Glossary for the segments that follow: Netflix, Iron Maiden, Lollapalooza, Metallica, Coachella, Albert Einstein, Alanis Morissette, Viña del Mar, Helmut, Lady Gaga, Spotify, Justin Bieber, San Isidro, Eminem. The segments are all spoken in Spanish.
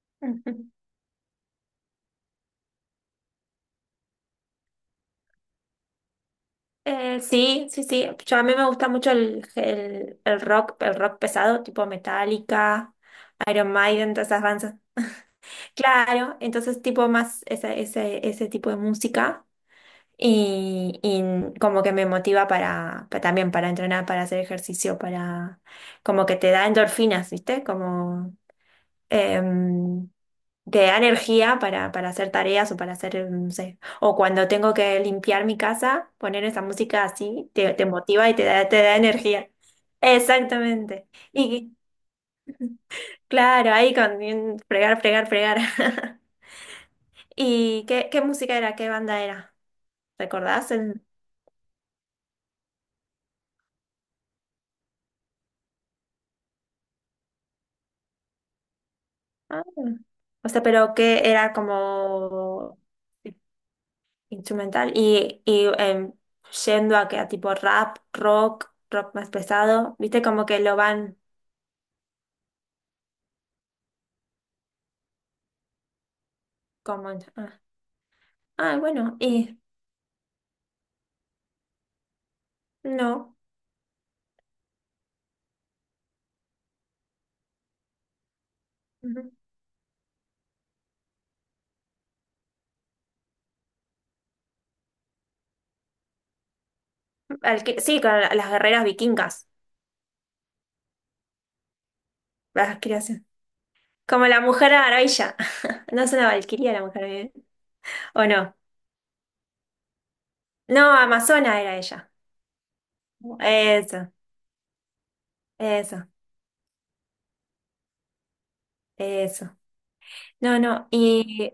Ujú. Sí, sí, sí. A mí me gusta mucho el rock pesado, tipo Metallica, Iron Maiden, todas esas bandas. Claro, entonces tipo más ese tipo de música y como que me motiva también para entrenar, para hacer ejercicio, para como que te da endorfinas, ¿viste? Em, Te da energía para hacer tareas o para hacer, no sé, o cuando tengo que limpiar mi casa, poner esa música así, te motiva y te da energía. Exactamente. Y claro, ahí con fregar, fregar, fregar. ¿Y qué música era? ¿Qué banda era? ¿Recordás? Ah. O sea, pero que era como instrumental yendo a que a tipo rap, rock más pesado, viste como que lo van... Como, ah, ah, bueno, y no. Ujú. Sí, con las guerreras vikingas, las creaciones. Como la mujer maravilla. No es una valquiria la mujer maravilla. ¿O no? No, Amazona era ella. Eso, eso, eso. No, no. Y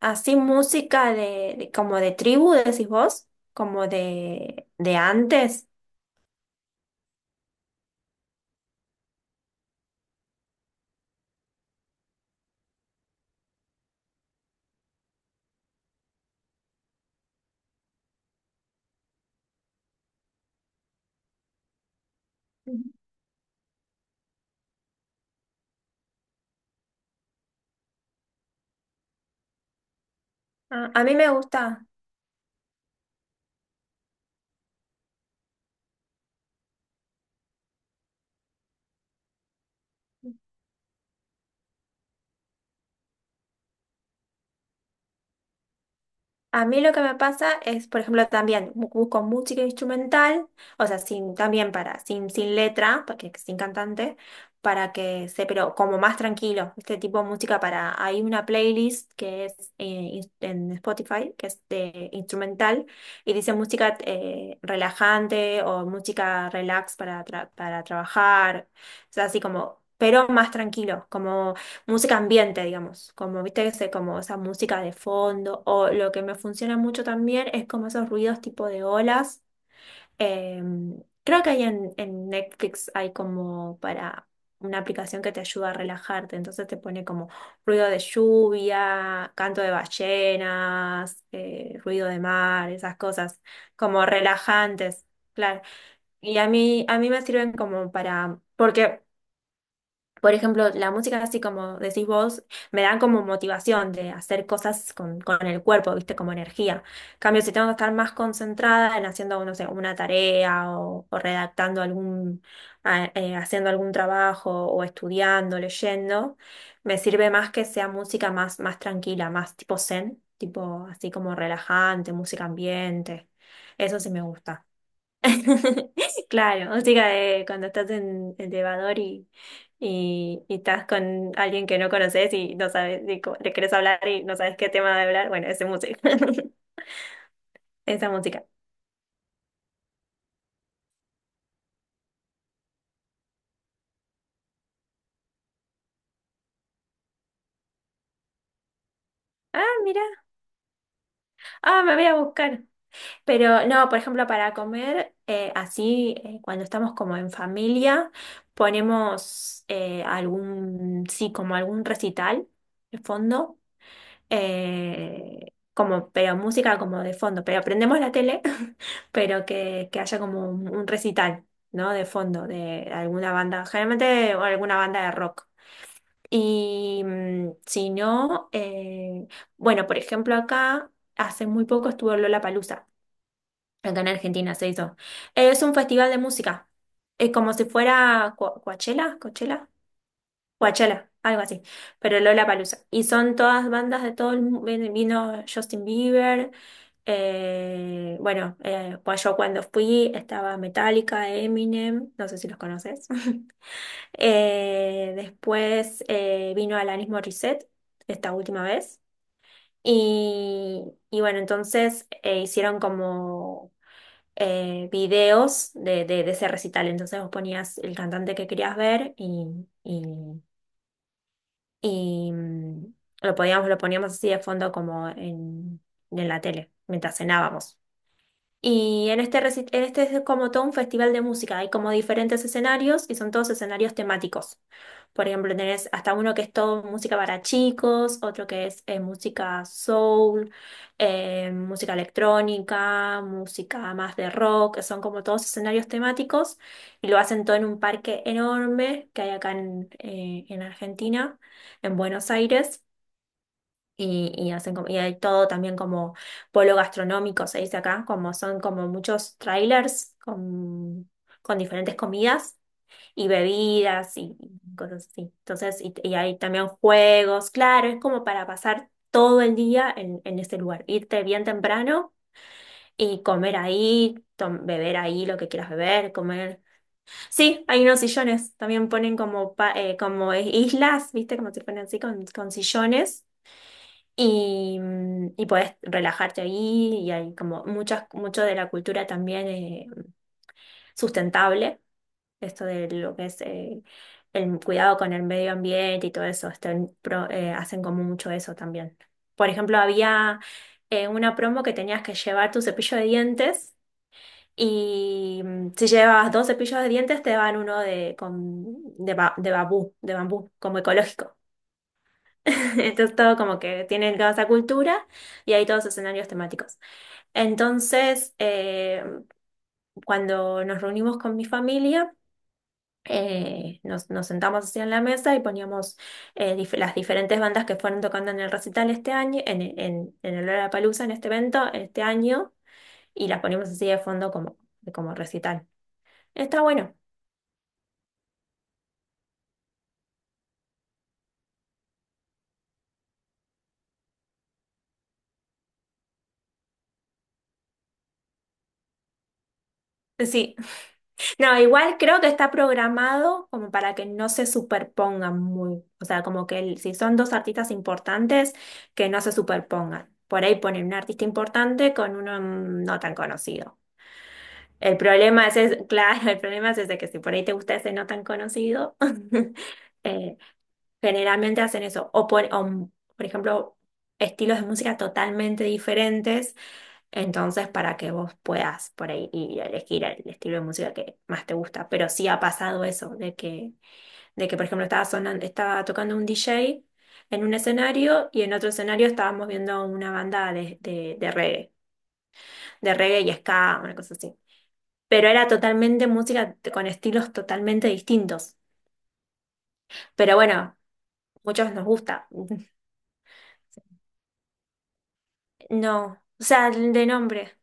así música como de tribu, decís vos, como de antes. Ujú. Ah, a mí me gusta. A mí lo que me pasa es, por ejemplo, también busco música instrumental, o sea, sin, también para, sin letra, porque sin cantante, para que se, pero como más tranquilo, este tipo de música para, hay una playlist que es en Spotify, que es de instrumental, y dice música relajante o música relax para, para trabajar, o sea, así como, pero más tranquilo, como música ambiente, digamos, como viste como esa música de fondo, o lo que me funciona mucho también es como esos ruidos tipo de olas. Eh, creo que hay en Netflix hay como para una aplicación que te ayuda a relajarte, entonces te pone como ruido de lluvia, canto de ballenas, ruido de mar, esas cosas como relajantes, claro. Y a mí me sirven como para, porque por ejemplo, la música, así como decís vos, me da como motivación de hacer cosas con el cuerpo, ¿viste? Como energía. En cambio, si tengo que estar más concentrada en haciendo, no sé, una tarea o redactando haciendo algún trabajo o estudiando, leyendo, me sirve más que sea música más tranquila, más tipo zen, tipo así como relajante, música ambiente. Eso sí me gusta. Claro, música de cuando estás en el elevador y estás con alguien que no conoces y no sabes, y le querés hablar y no sabes qué tema de hablar. Bueno, esa música. Esa música. Ah, mira. Ah, me voy a buscar. Pero no, por ejemplo, para comer, así, cuando estamos como en familia, ponemos algún, sí, como algún recital de fondo eh, pero música como de fondo, pero prendemos la tele, pero que haya como un recital, ¿no? De fondo, de alguna banda, generalmente alguna banda de rock. Y si no, bueno, por ejemplo, acá hace muy poco estuvo Lollapalooza, acá en Argentina se hizo. Es un festival de música, es como si fuera Coachella. Coachella, algo así, pero Lollapalooza. Y son todas bandas de todo el mundo, vino Justin Bieber, bueno, pues yo cuando fui estaba Metallica, Eminem, no sé si los conoces. Después vino Alanis Morissette esta última vez. Y, y bueno, entonces hicieron como videos de ese recital. Entonces vos ponías el cantante que querías ver y y lo poníamos así de fondo como en la tele, mientras cenábamos. Y en en este es como todo un festival de música, hay como diferentes escenarios y son todos escenarios temáticos. Por ejemplo, tenés hasta uno que es todo música para chicos, otro que es música soul, música electrónica, música más de rock, son como todos escenarios temáticos y lo hacen todo en un parque enorme que hay acá en Argentina, en Buenos Aires y hacen y hay todo también como polo gastronómico, se dice acá, como son como muchos trailers con diferentes comidas y bebidas y cosas así. Entonces, y hay también juegos, claro, es como para pasar todo el día en ese lugar, irte bien temprano y comer ahí, beber ahí lo que quieras beber, comer. Sí, hay unos sillones, también ponen como, como islas, ¿viste? Como se ponen así con sillones y puedes relajarte ahí y hay como mucho de la cultura también sustentable, esto de lo que es el cuidado con el medio ambiente y todo eso, están hacen como mucho eso también. Por ejemplo, había una promo que tenías que llevar tu cepillo de dientes y si llevabas dos cepillos de dientes te daban uno de bambú, como ecológico. Entonces todo como que tiene toda esa cultura y hay todos escenarios temáticos. Entonces, cuando nos reunimos con mi familia, nos sentamos así en la mesa y poníamos las diferentes bandas que fueron tocando en el recital este año, en el Lollapalooza, en este evento, este año, y las poníamos así de fondo como recital. Está bueno. Sí. No, igual creo que está programado como para que no se superpongan muy, o sea, como que si son dos artistas importantes, que no se superpongan. Por ahí ponen un artista importante con uno no tan conocido. El problema es claro, el problema es ese que si por ahí te gusta ese no tan conocido, eh, generalmente hacen eso. O por ejemplo, estilos de música totalmente diferentes entonces, para que vos puedas por ahí ir elegir el estilo de música que más te gusta. Pero sí ha pasado eso, de que por ejemplo, estaba tocando un DJ en un escenario y en otro escenario estábamos viendo una banda de reggae, y ska, una cosa así. Pero era totalmente música con estilos totalmente distintos. Pero bueno, muchos nos gusta. No, o sea, el de nombre,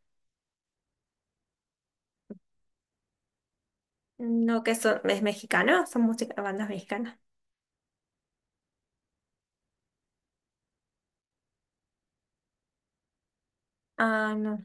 no que son, es mexicano, son música, bandas mexicanas. Ah, no.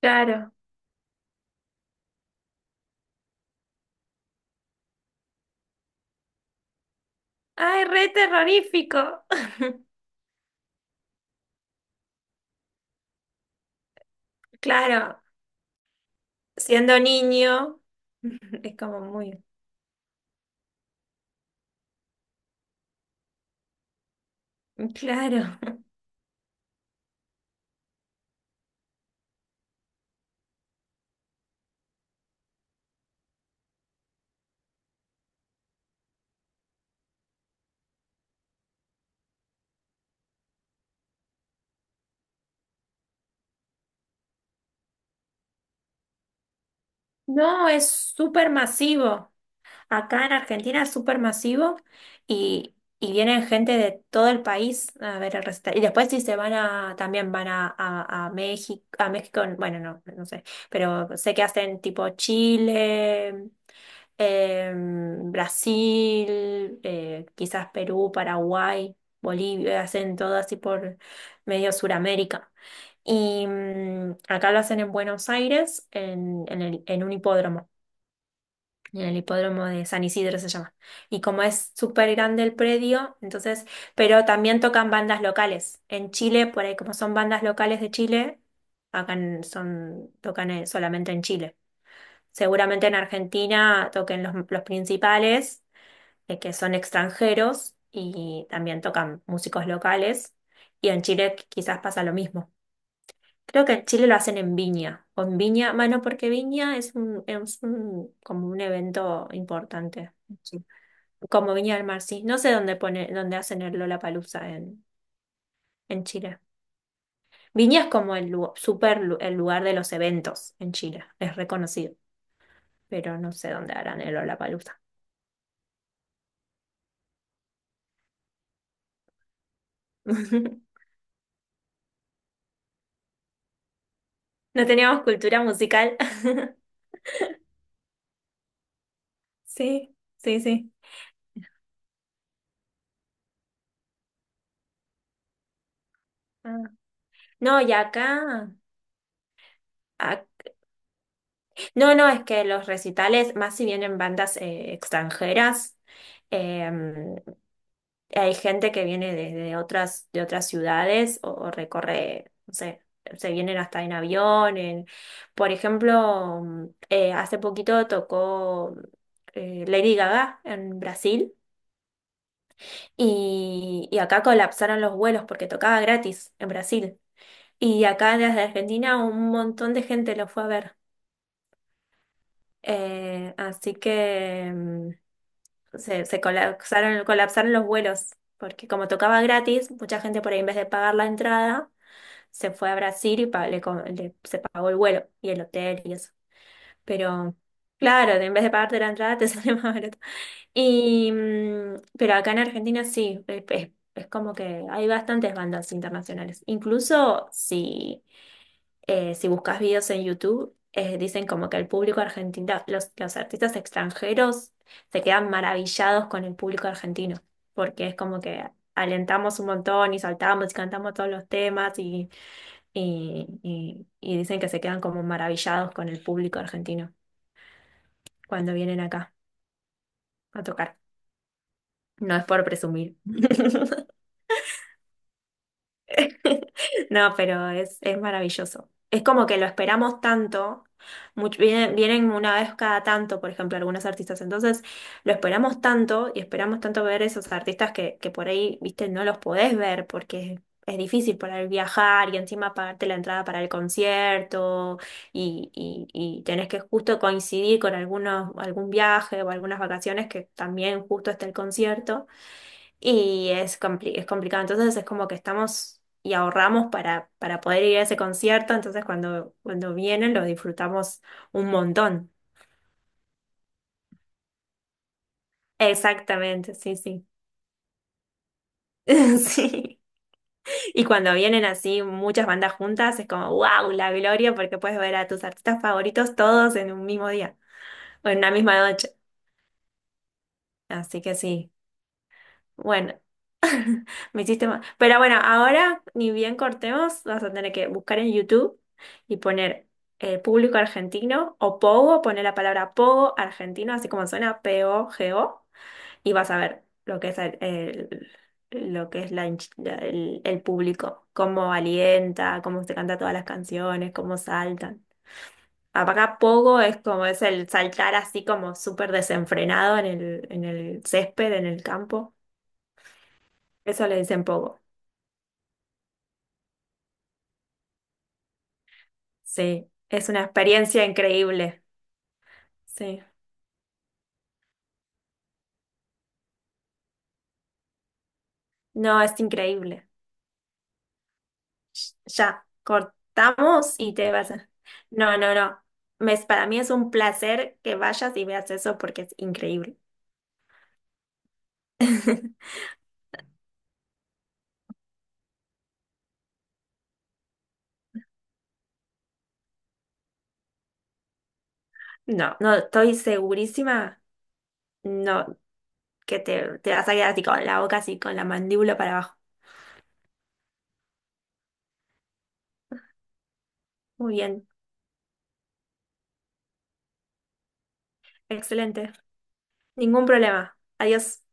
Claro. Ay, re terrorífico. Claro, siendo niño, es como muy... Claro. No, es súper masivo. Acá en Argentina es súper masivo y vienen gente de todo el país a ver el recital. Y después si se también van a México, bueno, no, no sé, pero sé que hacen tipo Chile, Brasil, quizás Perú, Paraguay, Bolivia, hacen todo así por medio Suramérica. Y acá lo hacen en Buenos Aires, en un hipódromo. En el hipódromo de San Isidro se llama. Y como es súper grande el predio, entonces, pero también tocan bandas locales. En Chile, por ahí como son bandas locales de Chile, acá tocan solamente en Chile. Seguramente en Argentina toquen los principales, que son extranjeros, y también tocan músicos locales. Y en Chile quizás pasa lo mismo. Creo que en Chile lo hacen en Viña, o en Viña, bueno, porque Viña es un, como un evento importante, en Chile. Como Viña del Mar, sí. No sé dónde hacen el Lollapalooza en Chile. Viña es como el lu- super lu- el lugar de los eventos en Chile, es reconocido, pero no sé dónde harán el Lollapalooza. No teníamos cultura musical. Sí, sí, sí. Ah. No, y acá, no, no, es que los recitales, más si vienen bandas extranjeras, em, hay gente que viene de otras ciudades o recorre, no sé, se vienen hasta en avión. Por ejemplo, hace poquito tocó Lady Gaga en Brasil y acá colapsaron los vuelos porque tocaba gratis en Brasil. Y acá desde Argentina un montón de gente lo fue a ver. Así que... colapsaron los vuelos, porque como tocaba gratis, mucha gente por ahí en vez de pagar la entrada, se fue a Brasil y se pagó el vuelo y el hotel y eso. Pero claro, en vez de pagarte la entrada, te sale más barato y, pero acá en Argentina sí, es como que hay bastantes bandas internacionales. Incluso si buscas videos en YouTube, dicen como que el público argentino, los artistas extranjeros se quedan maravillados con el público argentino, porque es como que alentamos un montón y saltamos y cantamos todos los temas y dicen que se quedan como maravillados con el público argentino cuando vienen acá a tocar. No es por presumir. No, pero es maravilloso. Es como que lo esperamos tanto. Vienen una vez cada tanto, por ejemplo, algunos artistas. Entonces, lo esperamos tanto y esperamos tanto ver esos artistas que por ahí, viste, no los podés ver porque es difícil por ahí viajar y encima pagarte la entrada para el concierto y tenés que justo coincidir con algún viaje o algunas vacaciones que también justo está el concierto. Y es es complicado. Entonces es como que estamos y ahorramos para poder ir a ese concierto. Entonces cuando vienen lo disfrutamos un montón. Exactamente, sí, sí. Sí. Y cuando vienen así muchas bandas juntas, es como, wow, la gloria, porque puedes ver a tus artistas favoritos todos en un mismo día o en una misma noche. Así que sí. Bueno, me hiciste mal. Pero bueno, ahora ni bien cortemos, vas a tener que buscar en YouTube y poner público argentino o Pogo, poner la palabra Pogo argentino, así como suena Pogo, y vas a ver lo que es lo que es el público, cómo alienta, cómo se canta todas las canciones, cómo saltan. Acá Pogo es como es el saltar así como súper desenfrenado en el césped, en el campo. Eso le dicen Pogo. Sí, es una experiencia increíble. Sí, no, es increíble. Ya, cortamos y te vas a... No, no, no. Para mí es un placer que vayas y veas eso porque es increíble. No, no, estoy segurísima, no, que te vas a quedar así con la boca, así con la mandíbula para abajo. Muy bien, excelente. Ningún problema. Adiós.